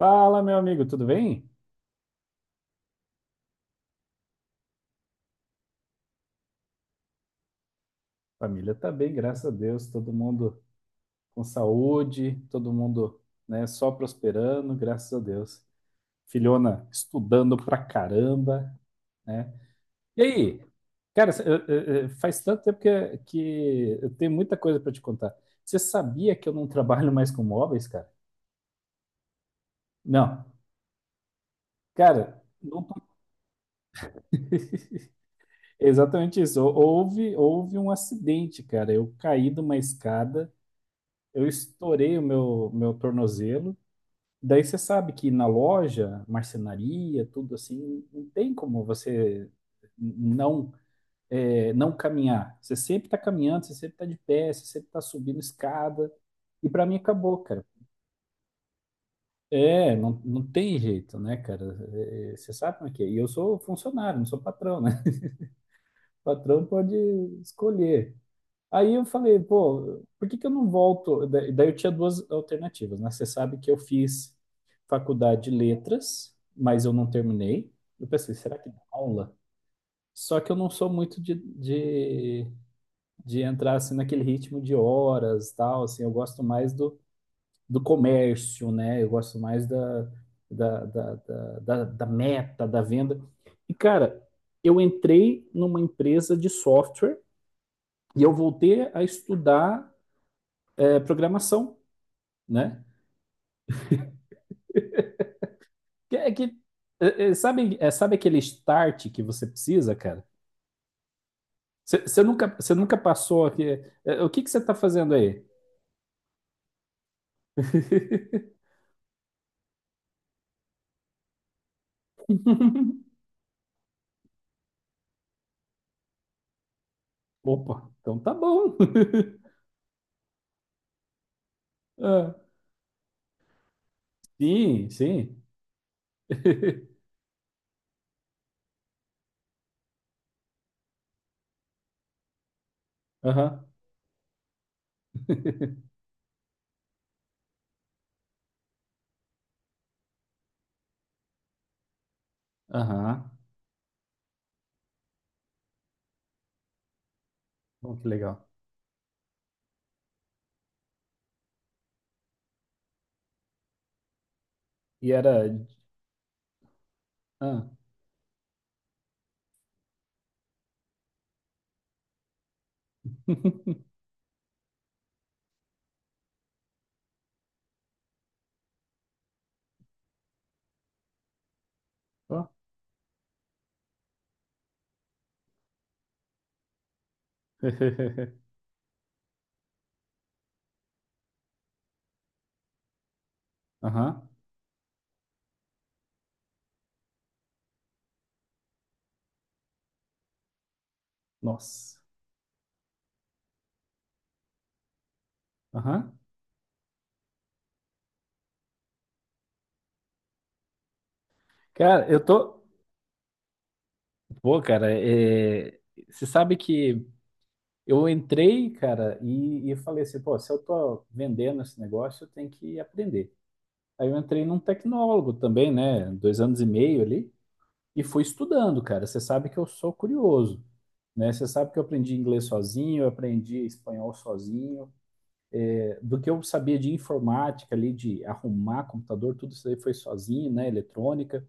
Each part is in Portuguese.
Fala, meu amigo, tudo bem? Família tá bem, graças a Deus, todo mundo com saúde, todo mundo, né, só prosperando, graças a Deus. Filhona estudando pra caramba, né? E aí, cara, faz tanto tempo que eu tenho muita coisa pra te contar. Você sabia que eu não trabalho mais com móveis, cara? Não, cara, não tô- exatamente isso. Houve um acidente, cara. Eu caí de uma escada, eu estourei o meu tornozelo. Daí você sabe que na loja, marcenaria, tudo assim, não tem como você não é, não caminhar. Você sempre está caminhando, você sempre está de pé, você sempre está subindo escada. E para mim acabou, cara. É, não, não tem jeito, né, cara? É, você sabe como é que é. E eu sou funcionário, não sou patrão, né? O patrão pode escolher. Aí eu falei, pô, por que que eu não volto? Daí eu tinha duas alternativas, né? Você sabe que eu fiz faculdade de letras, mas eu não terminei. Eu pensei, será que dá aula? Só que eu não sou muito de entrar assim naquele ritmo de horas, tal, assim, eu gosto mais do comércio, né? Eu gosto mais da meta, da venda. E, cara, eu entrei numa empresa de software e eu voltei a estudar é programação, né? Que- É que, sabe, é, sabe aquele start que você precisa, cara? Você nunca passou aqui. O que que você está fazendo aí? Opa, então tá bom. Ah, sim, sim. Aham, aham. Bom, que legal. E era. Ah, ó. Aham, nossa. Aham. Cara, eu tô. Pô, cara, é... você sabe que eu entrei, cara, e falei assim, pô, se eu tô vendendo esse negócio, eu tenho que aprender. Aí eu entrei num tecnólogo também, né? Dois anos e meio ali, e fui estudando, cara. Você sabe que eu sou curioso, né? Você sabe que eu aprendi inglês sozinho, eu aprendi espanhol sozinho. É, do que eu sabia de informática ali, de arrumar computador, tudo isso aí foi sozinho, né? Eletrônica.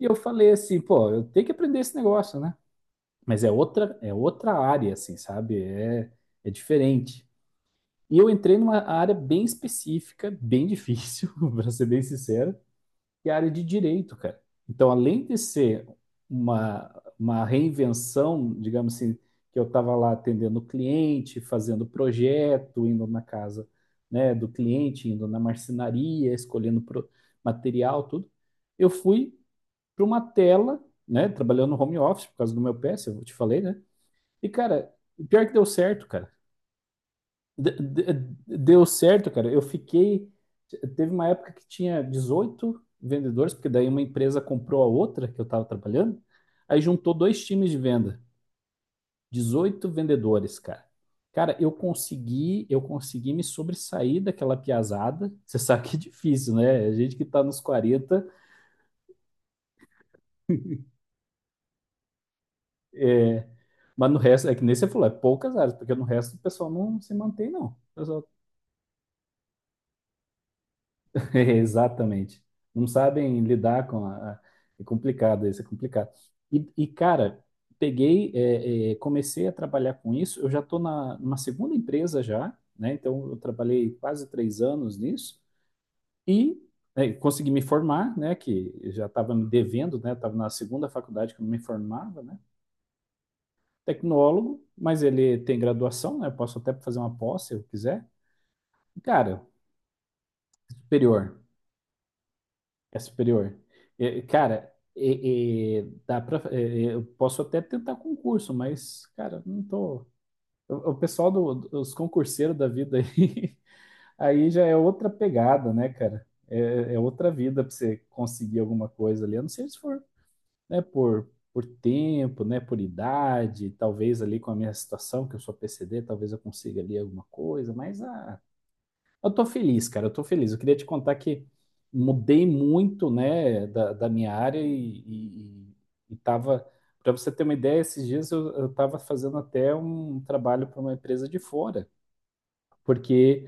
E eu falei assim, pô, eu tenho que aprender esse negócio, né? Mas é outra área, assim, sabe? É, é diferente. E eu entrei numa área bem específica, bem difícil, para ser bem sincero, que é a área de direito, cara. Então, além de ser uma, uma reinvenção, digamos assim, que eu estava lá atendendo o cliente, fazendo projeto, indo na casa, né, do cliente, indo na marcenaria, material, tudo, eu fui para uma tela, né, trabalhando no home office por causa do meu PS, eu te falei, né? E, cara, pior que deu certo, cara deu certo, cara. Eu fiquei. Teve uma época que tinha 18 vendedores, porque daí uma empresa comprou a outra que eu estava trabalhando, aí juntou 2 times de venda, 18 vendedores, cara. Cara, eu consegui me sobressair daquela piazada. Você sabe que é difícil, né? A gente que tá nos 40, é, mas no resto, é que nem você falou, é poucas áreas, porque no resto o pessoal não se mantém, não. O pessoal exatamente. Não sabem lidar com a- é complicado isso, é complicado. Cara, peguei, comecei a trabalhar com isso. Eu já estou numa segunda empresa já, né? Então, eu trabalhei quase 3 anos nisso e é, consegui me formar, né? Que eu já estava me devendo, né? Estava na segunda faculdade que eu me formava, né? Tecnólogo, mas ele tem graduação, né? Eu posso até fazer uma pós se eu quiser. Cara, superior. É superior. E, cara, eu posso até tentar concurso, mas, cara, não tô. O pessoal dos concurseiros da vida aí, aí já é outra pegada, né, cara? É, é outra vida pra você conseguir alguma coisa ali. A não ser se for, né, por tempo, né, por idade, talvez ali com a minha situação, que eu sou PCD, talvez eu consiga ali alguma coisa, mas ah, eu tô feliz, cara, eu tô feliz. Eu queria te contar que mudei muito, né, da minha área e tava, para você ter uma ideia, esses dias eu tava fazendo até um trabalho para uma empresa de fora, porque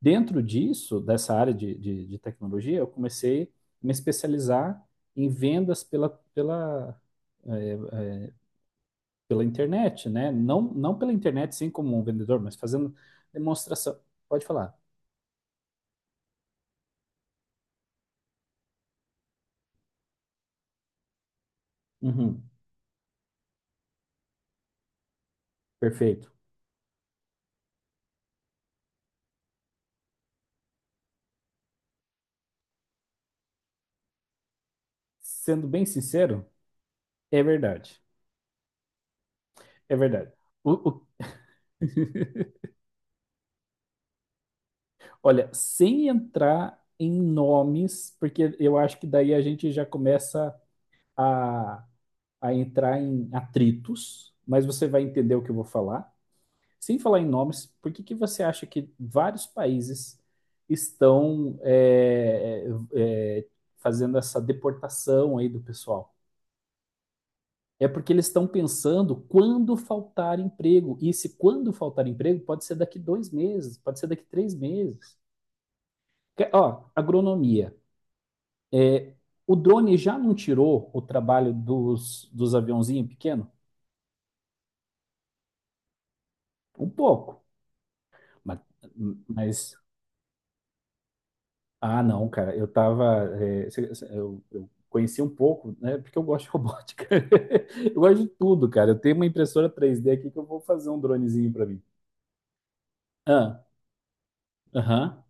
dentro disso, dessa área de tecnologia, eu comecei a me especializar em vendas pela, eh, pela internet, né? Não, não pela internet, sim, como um vendedor, mas fazendo demonstração. Pode falar. Uhum, perfeito. Sendo bem sincero, é verdade. É verdade. O- o- olha, sem entrar em nomes, porque eu acho que daí a gente já começa a, a entrar em atritos, mas você vai entender o que eu vou falar. Sem falar em nomes, por que que você acha que vários países estão é, fazendo essa deportação aí do pessoal? É porque eles estão pensando quando faltar emprego. E se quando faltar emprego, pode ser daqui 2 meses, pode ser daqui 3 meses. Ó, agronomia. É, o drone já não tirou o trabalho dos aviãozinhos pequenos? Um pouco. Mas, mas- não, cara, eu tava. É, eu conheci um pouco, né? Porque eu gosto de robótica. Eu gosto de tudo, cara. Eu tenho uma impressora 3D aqui que eu vou fazer um dronezinho para mim. Ah, aham,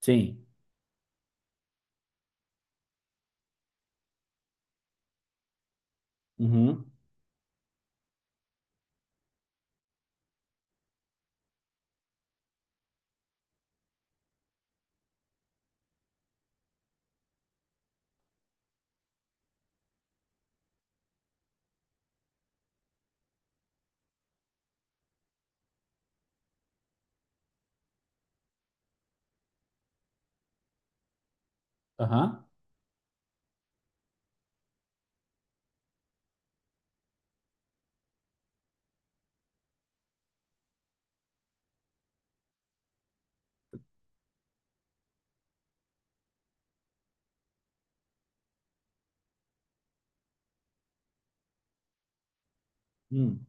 sim. Uhum. Aham. Hum.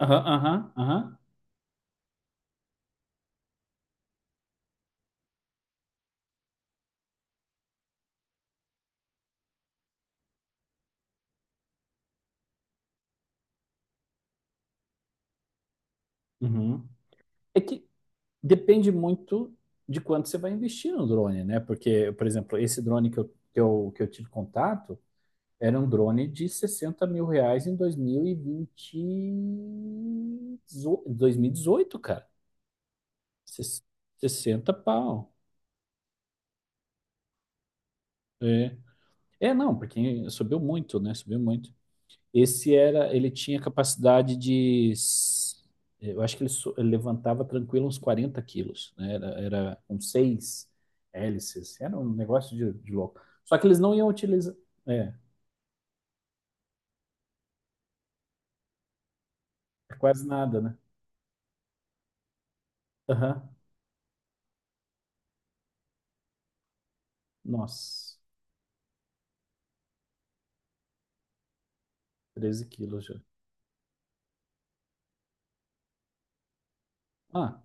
Aham, aham, aham. Uhum. É que depende muito de quanto você vai investir no drone, né? Porque, por exemplo, esse drone que eu tive contato era um drone de R$ 60.000 em 2020 e 2018, cara. Ses- 60 pau. É. É, não, porque subiu muito, né? Subiu muito. Esse era, ele tinha capacidade de, eu acho que ele, ele levantava tranquilo uns 40 quilos, né? Era com seis hélices, era um negócio de louco. Só que eles não iam utilizar, é, é quase nada, né? Aham, nossa, 13 quilos já. Ah,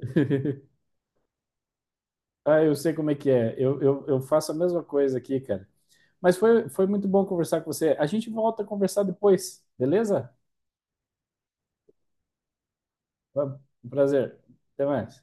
ah, eu sei como é que é, eu faço a mesma coisa aqui, cara. Mas foi, foi muito bom conversar com você. A gente volta a conversar depois, beleza? Foi um prazer. Até mais.